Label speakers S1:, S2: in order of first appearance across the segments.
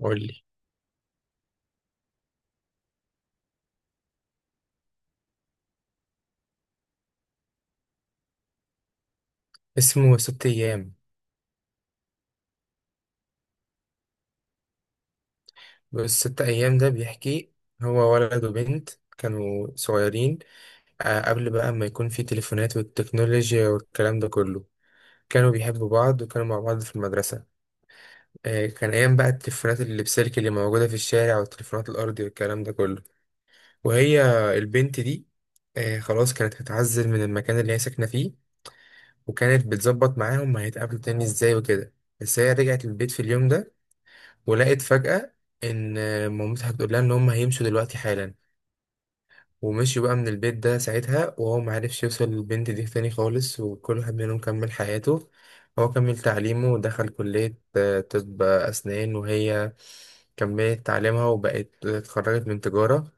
S1: قول لي. اسمه ست أيام. بس ست أيام ده بيحكي، هو ولد وبنت كانوا صغيرين. قبل بقى ما يكون في تليفونات والتكنولوجيا والكلام ده كله، كانوا بيحبوا بعض وكانوا مع بعض في المدرسة. كان أيام بقى التليفونات اللي بسلك اللي موجودة في الشارع والتليفونات الأرضي والكلام ده كله. وهي البنت دي، خلاص كانت هتعزل من المكان اللي هي ساكنة فيه، وكانت بتظبط معاهم هيتقابلوا تاني ازاي وكده. بس هي رجعت البيت في اليوم ده ولقيت فجأة إن مامتها بتقول لها إن هم هيمشوا دلوقتي حالا. ومشي بقى من البيت ده ساعتها، وهو معرفش يوصل للبنت دي تاني خالص، وكل واحد منهم كمل حياته. هو كمل تعليمه ودخل كلية طب أسنان، وهي كملت تعليمها وبقت اتخرجت من تجارة.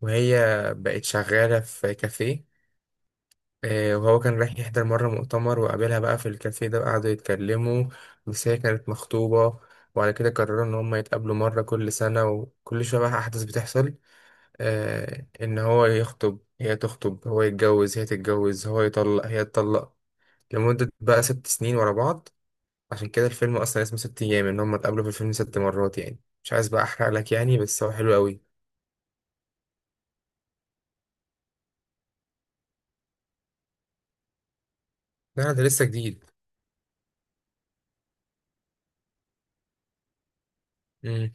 S1: وهي بقت شغالة في كافيه. وهو كان رايح يحضر مرة مؤتمر وقابلها بقى في الكافيه ده، قعدوا يتكلموا. بس هي كانت مخطوبة. وعلى كده قرروا إن هما يتقابلوا مرة كل سنة، وكل شوية بقى أحداث بتحصل. إن هو يخطب، هي تخطب، هو يتجوز، هي تتجوز، هو يطلق، هي تطلق، لمدة بقى ست سنين ورا بعض. عشان كده الفيلم أصلا اسمه ست أيام، إن هما اتقابلوا في الفيلم ست مرات. يعني مش عايز بقى أحرق لك يعني، بس هو حلو أوي. لا ده لسه جديد. مم.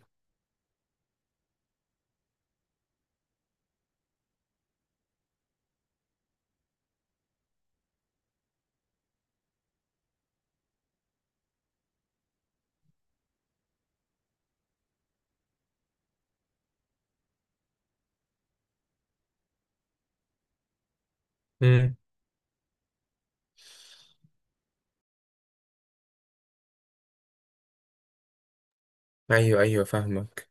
S1: مم. أيوه أيوه فاهمك.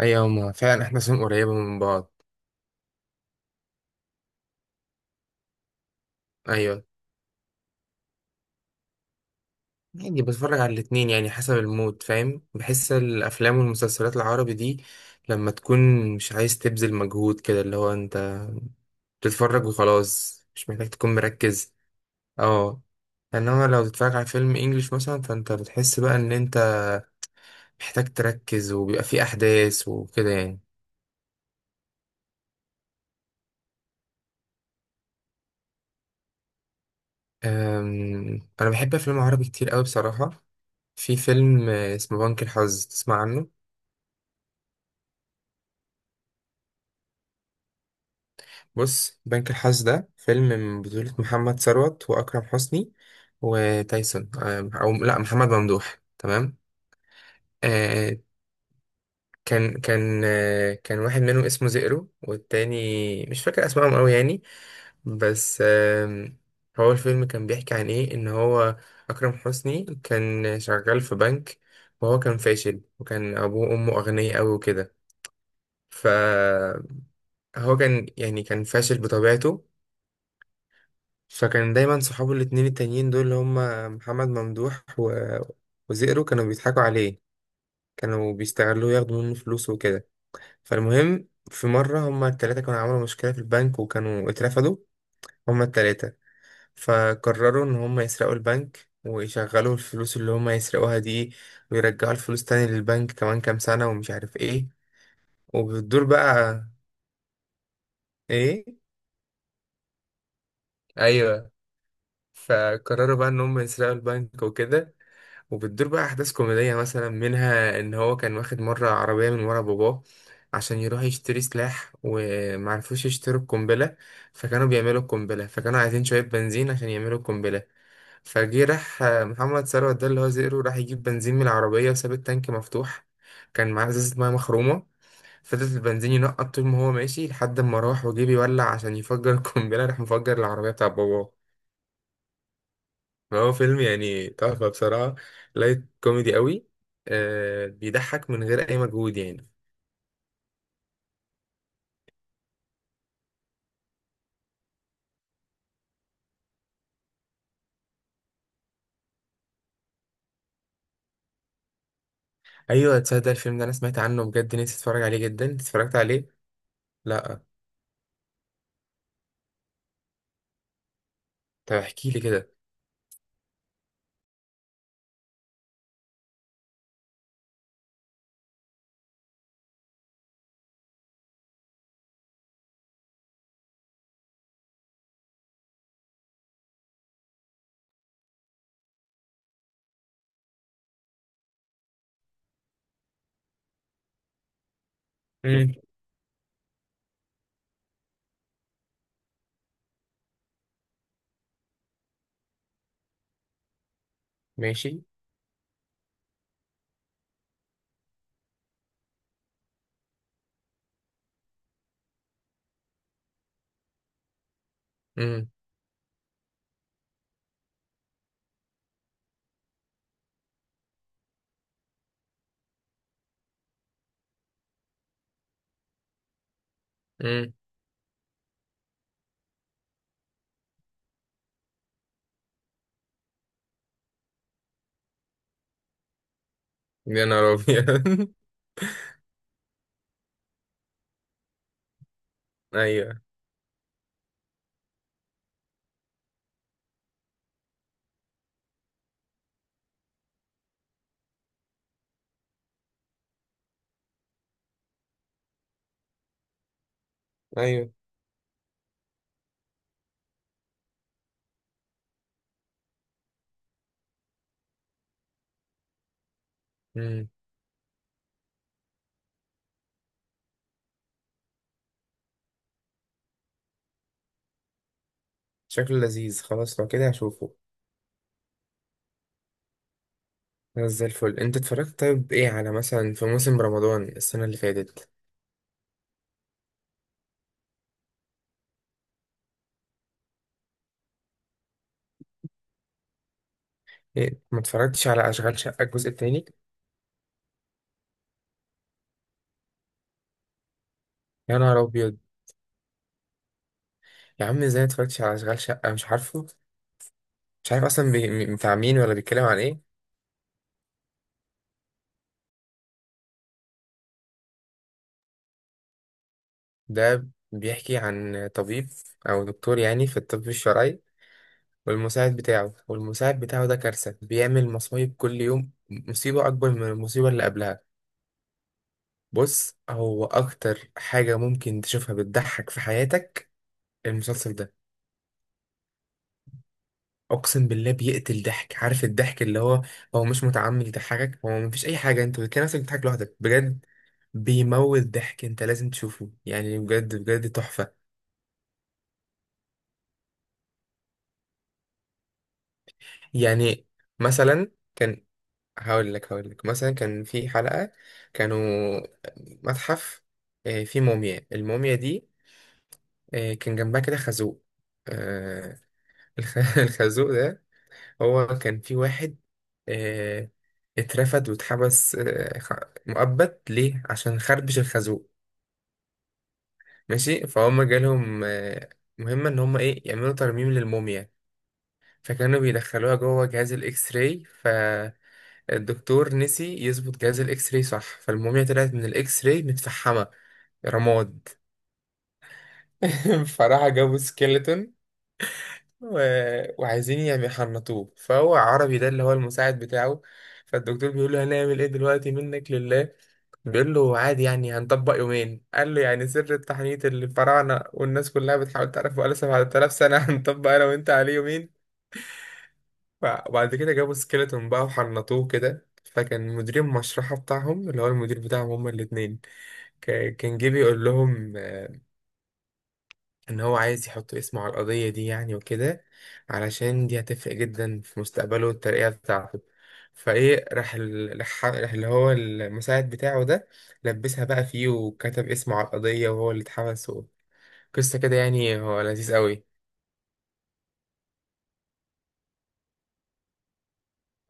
S1: أيوه هما فعلا إحنا سنين قريبة من بعض. ايوه، يعني بتفرج على الاتنين يعني حسب المود، فاهم، بحس الافلام والمسلسلات العربي دي لما تكون مش عايز تبذل مجهود كده، اللي هو انت بتتفرج وخلاص مش محتاج تكون مركز. اه. انما لو تتفرج على فيلم انجليش مثلا، فانت بتحس بقى ان انت محتاج تركز وبيبقى فيه احداث وكده يعني. انا بحب افلام عربي كتير قوي بصراحة. في فيلم اسمه بنك الحظ، تسمع عنه؟ بص، بنك الحظ ده فيلم من بطولة محمد ثروت وأكرم حسني وتايسون، أو لأ محمد ممدوح، تمام. آه، كان واحد منهم اسمه زئرو، والتاني مش فاكر أسمائهم أوي يعني. بس هو الفيلم كان بيحكي عن إيه، إن هو أكرم حسني كان شغال في بنك، وهو كان فاشل، وكان أبوه وأمه أغنياء أوي وكده. فهو كان يعني كان فاشل بطبيعته. فكان دايما صحابه الاتنين التانيين دول اللي هما محمد ممدوح وزئرو كانوا بيضحكوا عليه، كانوا بيستغلوه ياخدوا منه فلوس وكده. فالمهم، في مرة هما التلاتة كانوا عملوا مشكلة في البنك وكانوا اترفدوا، هما التلاتة. فقرروا إن هما يسرقوا البنك ويشغلوا الفلوس اللي هما يسرقوها دي، ويرجعوا الفلوس تاني للبنك كمان كام سنة ومش عارف ايه. وبتدور بقى. ايه. ايوه. فقرروا بقى ان هم يسرقوا البنك وكده. وبتدور بقى احداث كوميديه، مثلا منها ان هو كان واخد مره عربيه من ورا باباه عشان يروح يشتري سلاح. ومعرفوش يشتروا القنبله، فكانوا بيعملوا القنبله، فكانوا عايزين شويه بنزين عشان يعملوا القنبله. فجه راح محمد ثروت ده اللي هو زئرو، راح يجيب بنزين من العربيه وساب التانك مفتوح. كان معاه ازازه ميه مخرومه، فضلت البنزين ينقط طول ما هو ماشي لحد ما راح وجه بيولع عشان يفجر القنبله، راح مفجر العربيه بتاع باباه. هو فيلم يعني تحفة بصراحة. لايت كوميدي قوي. آه، بيضحك من غير أي مجهود يعني. أيوة، تصدق الفيلم ده أنا سمعت عنه بجد، نفسي أتفرج عليه جدا. اتفرجت عليه؟ لأ. طب احكي لي كده. مم. ماشي. مم. مم. يا نهار أبيض. أيوة. أيوه. مم. شكله لذيذ، خلاص لو كده هشوفه. خلاص زي الفل. أنت اتفرجت؟ طيب إيه على مثلا في موسم رمضان السنة اللي فاتت؟ إيه ما اتفرجتش على أشغال شقة الجزء التاني؟ يا نهار أبيض. يا عم ازاي متفرجتش على اشغال شقه؟ مش عارفه، مش عارف اصلا بتاع مين ولا بيتكلم عن ايه. ده بيحكي عن طبيب، او دكتور يعني في الطب الشرعي، والمساعد بتاعه. والمساعد بتاعه ده كارثه، بيعمل مصايب، كل يوم مصيبه اكبر من المصيبه اللي قبلها. بص، هو اكتر حاجه ممكن تشوفها بتضحك في حياتك، المسلسل ده. اقسم بالله بيقتل ضحك. عارف الضحك اللي هو، هو مش متعمد يضحكك، هو مفيش اي حاجه، انت بتلاقي نفسك بتضحك لوحدك بجد. بيموت ضحك. انت لازم تشوفه يعني، بجد بجد تحفه. يعني مثلا كان، هقول لك مثلا، كان في حلقه كانوا متحف، فيه موميا. الموميا دي كان جنبها كده خازوق. آه، الخازوق ده، هو كان في واحد آه، اترفد واتحبس مؤبد ليه عشان خربش الخازوق. ماشي. فهم جالهم مهمة ان هم ايه يعملوا ترميم للموميا. فكانوا بيدخلوها جوه جهاز الاكس راي، فالدكتور نسي يظبط جهاز الاكس راي صح، فالموميا طلعت من الاكس راي متفحمة، رماد. فراح جابوا سكيلتون، وعايزين يعني يحنطوه، فهو عربي ده اللي هو المساعد بتاعه. فالدكتور بيقول له، هنعمل ايه دلوقتي، منك لله؟ بيقول له، عادي يعني هنطبق يومين. قال له، يعني سر التحنيط اللي الفراعنة والناس كلها بتحاول تعرفه بقاله 7000 سنة هنطبق انا وانت عليه يومين؟ وبعد كده جابوا سكيلتون بقى وحنطوه كده. فكان مدير المشرحة بتاعهم اللي هو المدير بتاعهم هما الاتنين، كان جه بيقول لهم ان هو عايز يحط اسمه على القضية دي يعني وكده، علشان دي هتفرق جدا في مستقبله والترقية بتاعته. فايه، راح راح اللي هو المساعد بتاعه ده، لبسها بقى فيه وكتب اسمه على القضية وهو اللي اتحبس و... قصة كده يعني، هو لذيذ قوي.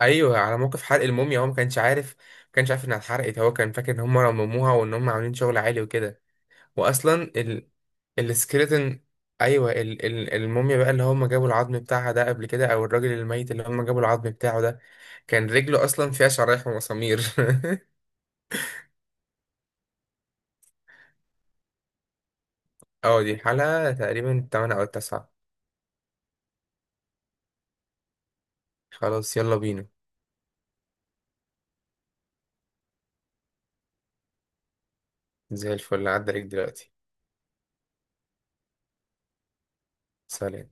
S1: ايوه، على موقف حرق الموميا، هو ما كانش عارف، انها اتحرقت، هو كان فاكر ان هم رمموها وان هم عاملين شغل عالي وكده. واصلا السكريتن، ايوه الموميا بقى اللي هم جابوا العظم بتاعها ده قبل كده، او الراجل الميت اللي هم جابوا العظم بتاعه ده، كان رجله اصلا فيها شرايح ومسامير. اه دي الحلقه تقريبا 8 او 9. خلاص يلا بينا. زي الفل، عدى عليك دلوقتي. سلام.